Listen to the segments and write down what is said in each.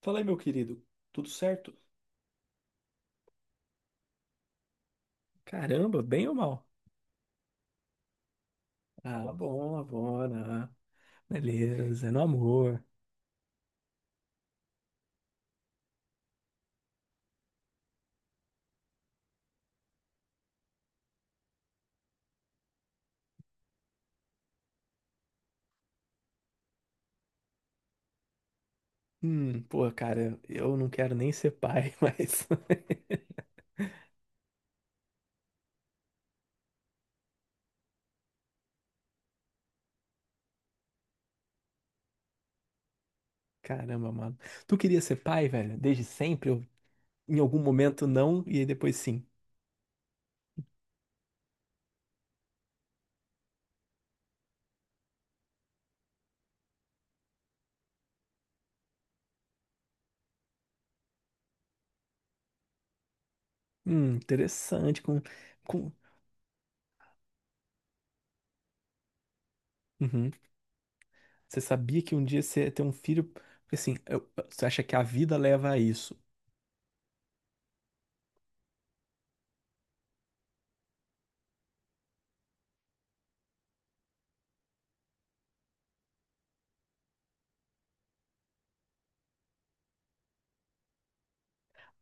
Fala aí, meu querido. Tudo certo? Caramba, bem ou mal? Ah, bom, beleza, no amor. Pô, cara, eu não quero nem ser pai, mas. Caramba, mano. Tu queria ser pai, velho? Desde sempre? Ou em algum momento não, e aí depois sim. Interessante. Com... Uhum. Você sabia que um dia você ia ter um filho? Porque assim, você acha que a vida leva a isso?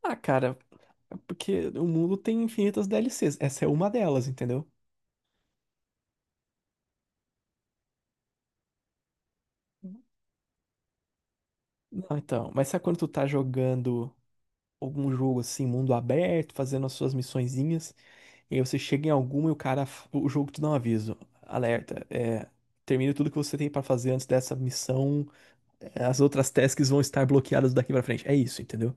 Ah, cara, é porque o mundo tem infinitas DLCs. Essa é uma delas, entendeu? Não, então, mas sabe quando tu tá jogando algum jogo assim, mundo aberto, fazendo as suas missõezinhas, e aí você chega em alguma e o jogo te dá um aviso, alerta, é, termine tudo que você tem pra fazer antes dessa missão. As outras tasks vão estar bloqueadas daqui pra frente. É isso, entendeu?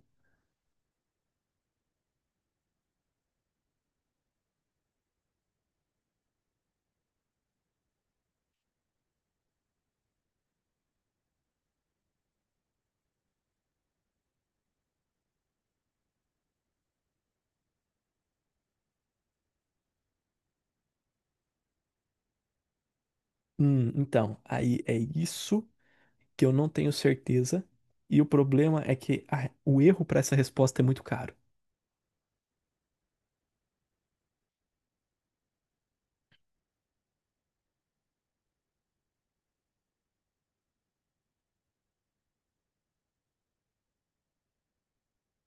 Então, aí é isso que eu não tenho certeza. E o problema é que o erro pra essa resposta é muito caro.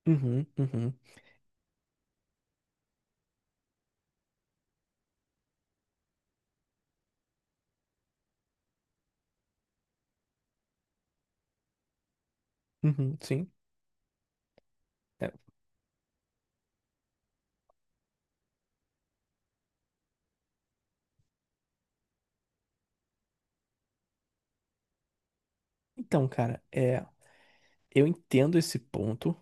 Uhum, uhum, uhum, sim. É. Então, cara, é. Eu entendo esse ponto,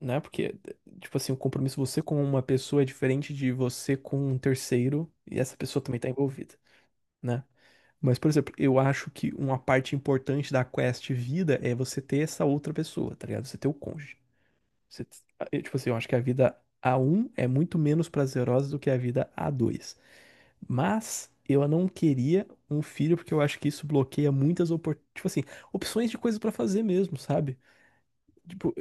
né? Porque, tipo assim, o compromisso você com uma pessoa é diferente de você com um terceiro e essa pessoa também tá envolvida, né? Mas, por exemplo, eu acho que uma parte importante da quest vida é você ter essa outra pessoa, tá ligado? Você ter o cônjuge. Você- eu, tipo assim, eu acho que a vida a um é muito menos prazerosa do que a vida a dois. Mas eu não queria um filho porque eu acho que isso bloqueia muitas oportunidades, tipo assim, opções de coisas pra fazer mesmo, sabe? Tipo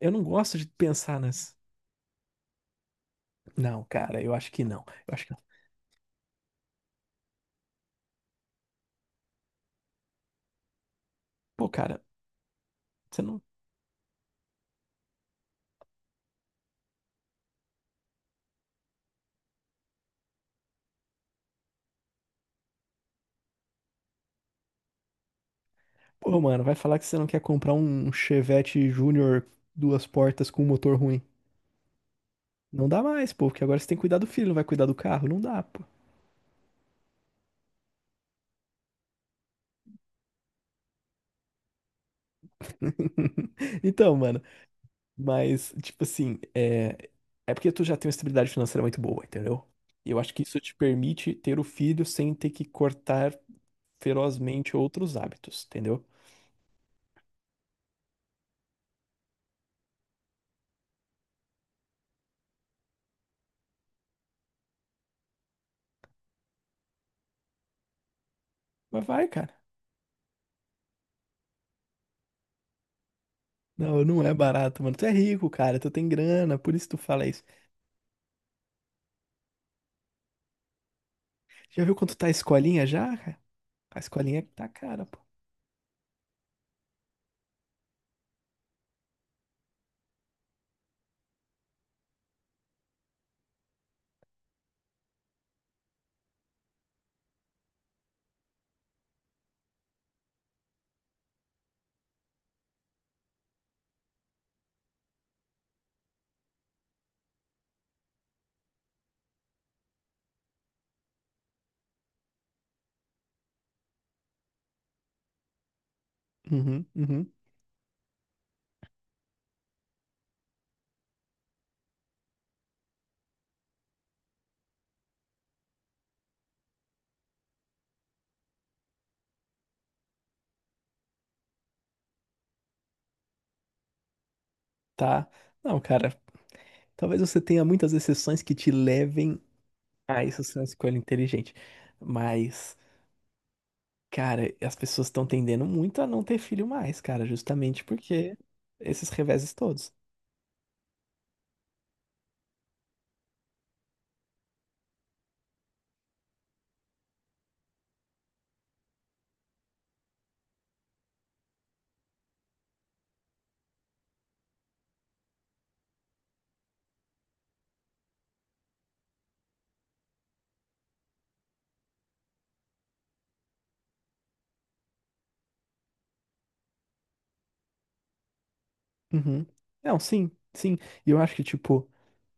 Eu não gosto de pensar nas. Não, cara, eu acho que não. Eu acho que pô, cara, você não. Pô, mano, vai falar que você não quer comprar um Chevette Júnior duas portas com um motor ruim. Não dá mais, pô, porque agora você tem que cuidar do filho, não vai cuidar do carro. Não dá, pô. Então, mano, mas, tipo assim, é. É porque tu já tem uma estabilidade financeira muito boa, entendeu? E eu acho que isso te permite ter o filho sem ter que cortar ferozmente outros hábitos, entendeu? Mas vai, cara. Não, não é barato, mano. Tu é rico, cara. Tu tem grana, por isso tu fala isso. Já viu quanto tá a escolinha já, cara? A escolinha tá cara, pô. Uhum, uhum. Tá. Não, cara. Talvez você tenha muitas exceções que te levem a isso ser uma escolha inteligente. Mas, cara, as pessoas estão tendendo muito a não ter filho mais, cara, justamente porque esses reveses todos. Uhum. Não, sim, sim. E eu acho que, tipo,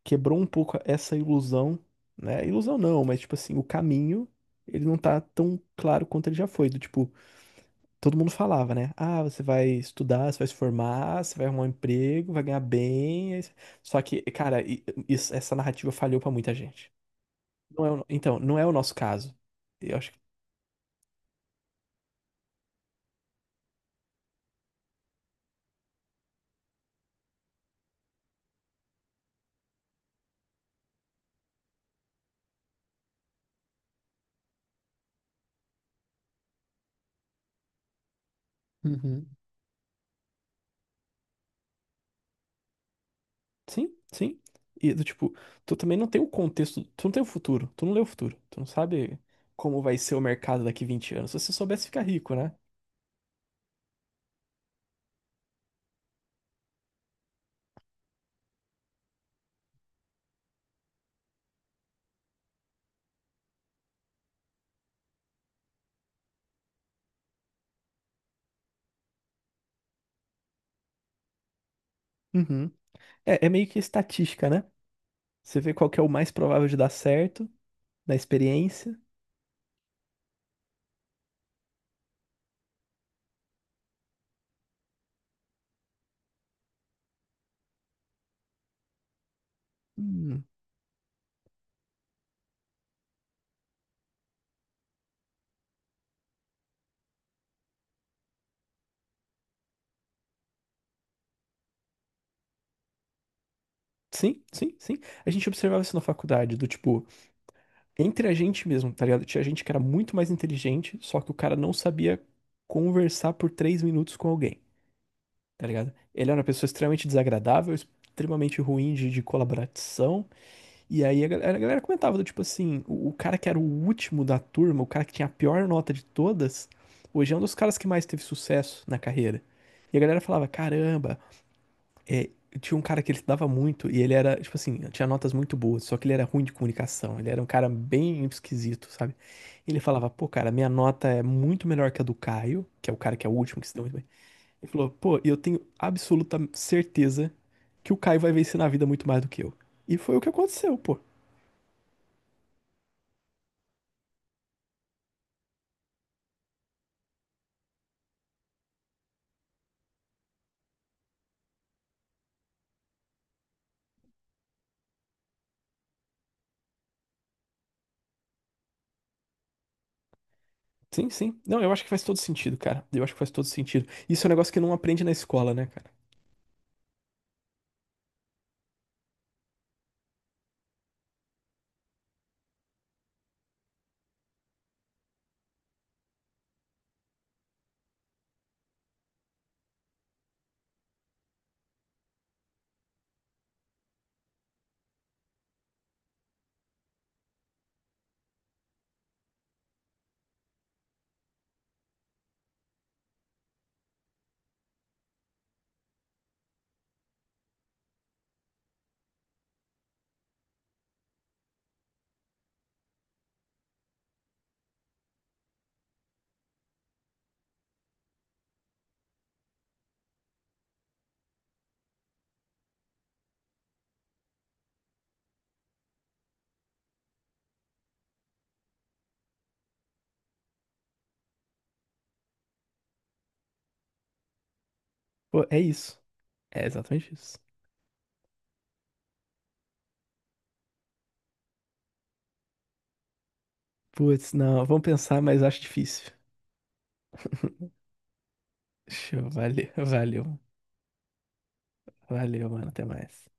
quebrou um pouco essa ilusão, né? Ilusão não, mas tipo assim, o caminho, ele não tá tão claro quanto ele já foi. Do tipo, todo mundo falava, né? Ah, você vai estudar, você vai se formar, você vai arrumar um emprego, vai ganhar bem. Só que, cara, essa narrativa falhou pra muita gente. Então, não é o nosso caso. Eu acho que uhum. Sim, sim. E do tipo, tu também não tem o contexto, tu não tem o futuro, tu não lê o futuro, tu não sabe como vai ser o mercado daqui 20 anos. Se você soubesse ficar rico, né? Uhum. É, é meio que estatística, né? Você vê qual que é o mais provável de dar certo na experiência. Hum, Sim, sim, sim. A gente observava isso na faculdade, do tipo, entre a gente mesmo, tá ligado? Tinha gente que era muito mais inteligente, só que o cara não sabia conversar por 3 minutos com alguém, tá ligado? Ele era uma pessoa extremamente desagradável, extremamente ruim de colaboração. E aí a galera comentava do tipo assim, o cara que era o último da turma, o cara que tinha a pior nota de todas, hoje é um dos caras que mais teve sucesso na carreira. E a galera falava, caramba, é, tinha um cara que ele estudava muito e ele era, tipo assim, tinha notas muito boas, só que ele era ruim de comunicação, ele era um cara bem esquisito, sabe? Ele falava, pô, cara, minha nota é muito melhor que a do Caio, que é o cara que é o último que se deu muito bem. Ele falou, pô, eu tenho absoluta certeza que o Caio vai vencer na vida muito mais do que eu. E foi o que aconteceu, pô. Sim, sim. Não, eu acho que faz todo sentido, cara. Eu acho que faz todo sentido. Isso é um negócio que não aprende na escola, né, cara? Pô, é isso. É exatamente isso. Putz, não, vamos pensar, mas acho difícil. Show, valeu, valeu, valeu, mano. Até mais.